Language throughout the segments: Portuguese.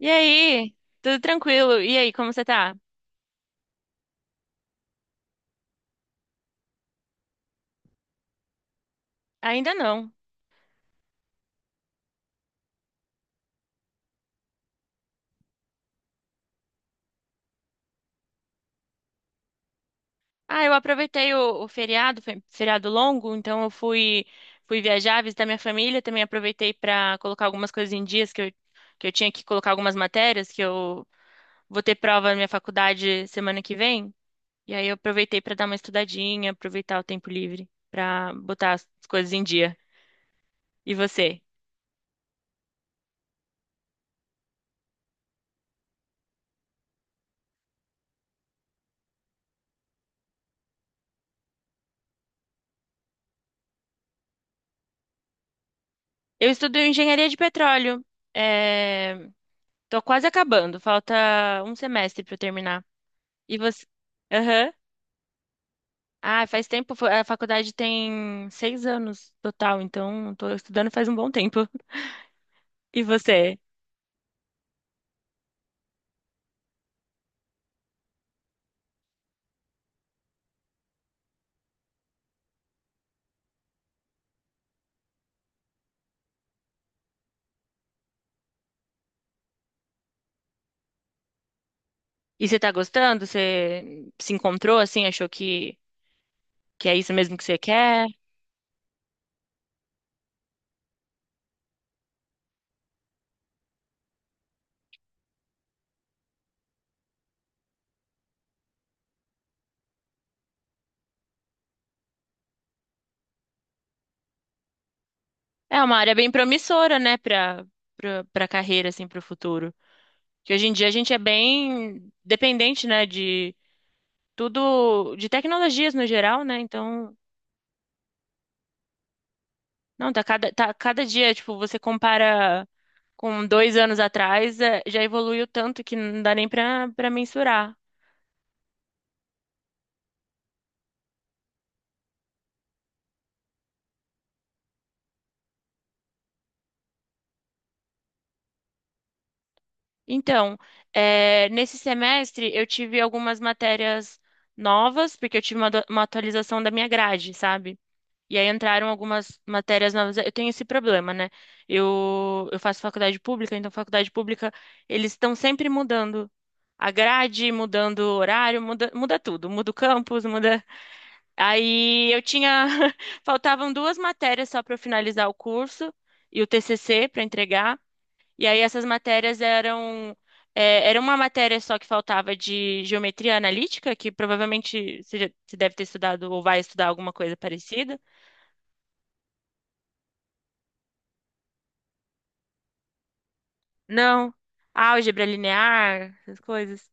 E aí? Tudo tranquilo? E aí, como você tá? Ainda não. Ah, eu aproveitei o feriado, feriado longo, então eu fui viajar, visitar minha família, também aproveitei para colocar algumas coisas em dias que eu tinha que colocar algumas matérias que eu vou ter prova na minha faculdade semana que vem. E aí eu aproveitei para dar uma estudadinha, aproveitar o tempo livre para botar as coisas em dia. E você? Eu estudo engenharia de petróleo. É... Tô quase acabando, falta um semestre para eu terminar. E você. Aham. Ah, faz tempo. A faculdade tem seis anos total, então tô estudando faz um bom tempo. E você? E você tá gostando? Você se encontrou assim? Achou que é isso mesmo que você quer? É uma área bem promissora, né, pra carreira, assim, pro futuro. Que hoje em dia a gente é bem dependente, né, de tudo, de tecnologias no geral, né? Então, não, tá cada dia, tipo, você compara com dois anos atrás, já evoluiu tanto que não dá nem para mensurar. Então, nesse semestre eu tive algumas matérias novas, porque eu tive uma atualização da minha grade, sabe? E aí entraram algumas matérias novas. Eu tenho esse problema, né? Eu faço faculdade pública, então faculdade pública, eles estão sempre mudando a grade, mudando o horário, muda tudo. Muda o campus, muda. Aí eu tinha. Faltavam duas matérias só para eu finalizar o curso e o TCC para entregar. E aí essas matérias eram. Era uma matéria só que faltava de geometria analítica, que provavelmente você, você deve ter estudado ou vai estudar alguma coisa parecida. Não. Álgebra linear, essas coisas.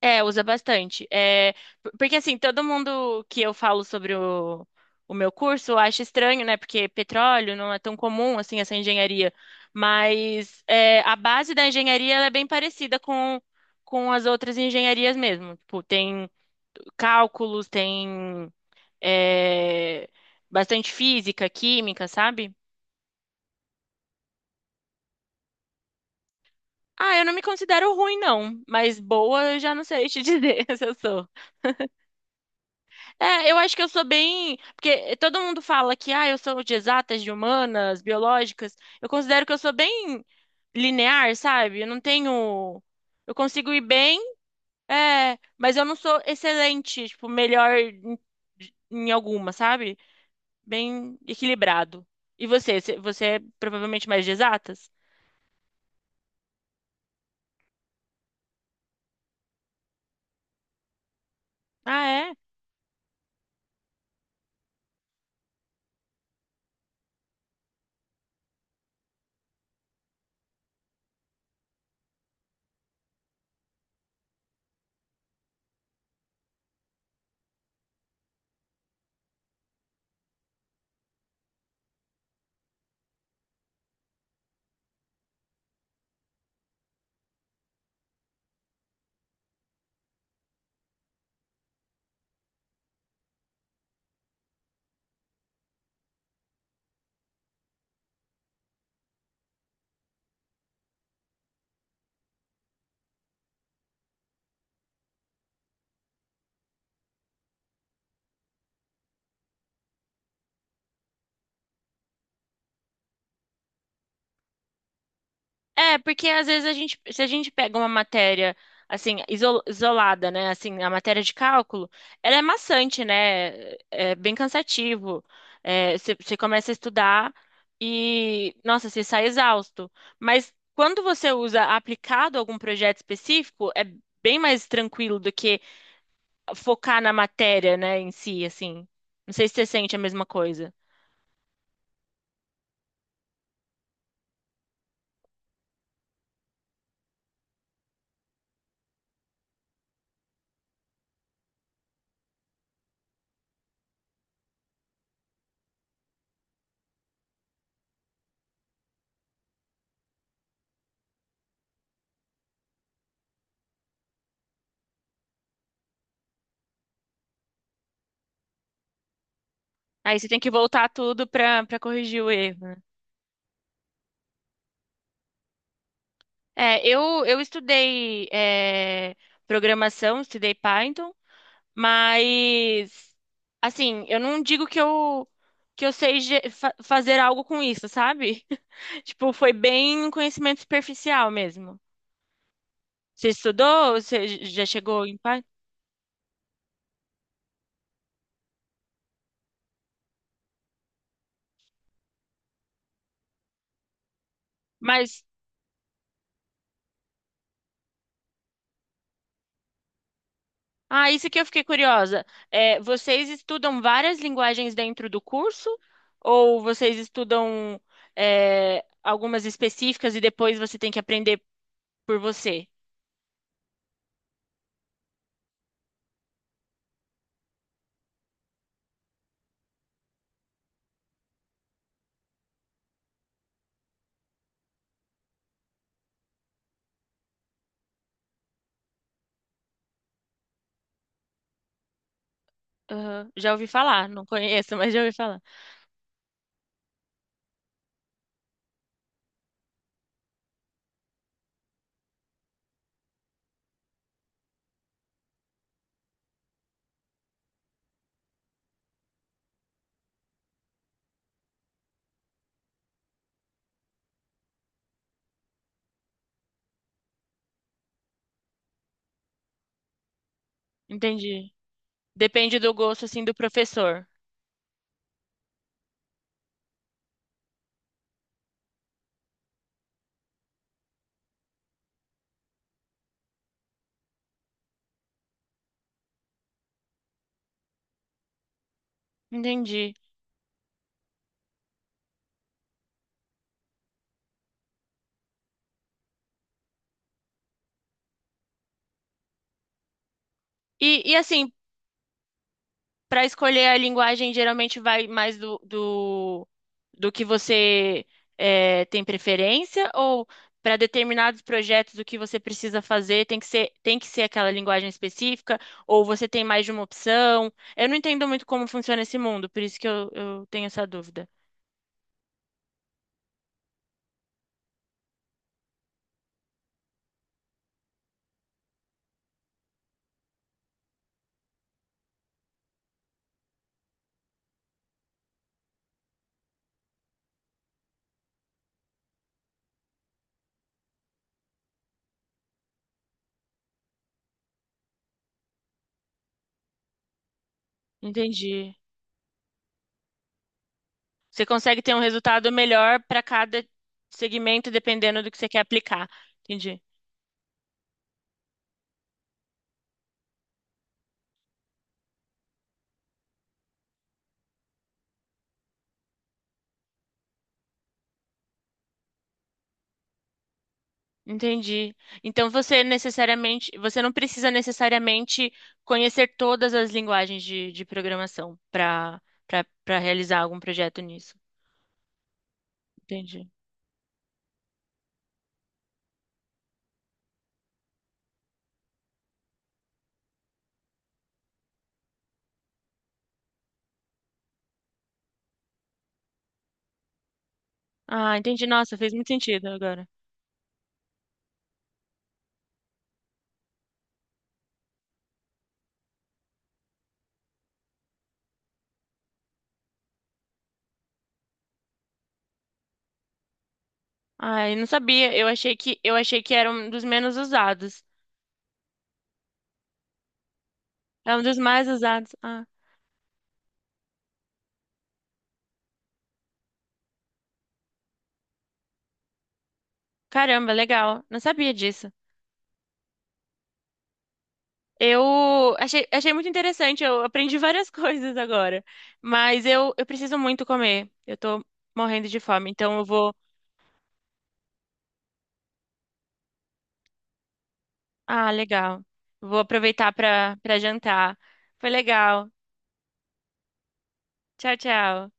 É, usa bastante. É, porque assim, todo mundo que eu falo sobre o meu curso acha estranho, né? Porque petróleo não é tão comum assim essa engenharia. Mas é, a base da engenharia ela é bem parecida com as outras engenharias mesmo. Tipo, tem cálculos, tem é, bastante física, química, sabe? Ah, eu não me considero ruim, não, mas boa eu já não sei te dizer se eu sou. É, eu acho que eu sou bem. Porque todo mundo fala que, ah, eu sou de exatas, de humanas, biológicas. Eu considero que eu sou bem linear, sabe? Eu não tenho. Eu consigo ir bem, mas eu não sou excelente, tipo, melhor em, em alguma, sabe? Bem equilibrado. E você? Você é provavelmente mais de exatas? Ah, é? É, porque às vezes a gente, se a gente pega uma matéria assim isolada, né, assim a matéria de cálculo, ela é maçante, né? É bem cansativo. É, você começa a estudar e, nossa, você sai exausto. Mas quando você usa aplicado a algum projeto específico, é bem mais tranquilo do que focar na matéria, né, em si, assim. Não sei se você sente a mesma coisa. Aí você tem que voltar tudo para corrigir o erro. É, eu estudei programação, estudei Python, mas assim, eu não digo que eu sei fazer algo com isso, sabe? Tipo, foi bem um conhecimento superficial mesmo. Você estudou? Você já chegou em Python? Mas ah, isso que eu fiquei curiosa. É, vocês estudam várias linguagens dentro do curso ou vocês estudam algumas específicas e depois você tem que aprender por você? Aham, já ouvi falar, não conheço, mas já ouvi falar. Entendi. Depende do gosto, assim, do professor. Entendi. E assim, para escolher a linguagem, geralmente vai mais do que você tem preferência? Ou para determinados projetos, o que você precisa fazer tem que ser aquela linguagem específica? Ou você tem mais de uma opção? Eu não entendo muito como funciona esse mundo, por isso que eu tenho essa dúvida. Entendi. Você consegue ter um resultado melhor para cada segmento, dependendo do que você quer aplicar. Entendi. Entendi. Então você necessariamente, você não precisa necessariamente conhecer todas as linguagens de programação para realizar algum projeto nisso. Entendi. Ah, entendi. Nossa, fez muito sentido agora. Ah, eu não sabia. Eu achei que era um dos menos usados. É um dos mais usados. Ah, caramba, legal. Não sabia disso. Eu achei, achei muito interessante, eu aprendi várias coisas agora. Mas eu preciso muito comer. Eu tô morrendo de fome, então eu vou. Ah, legal. Vou aproveitar para jantar. Foi legal. Tchau, tchau.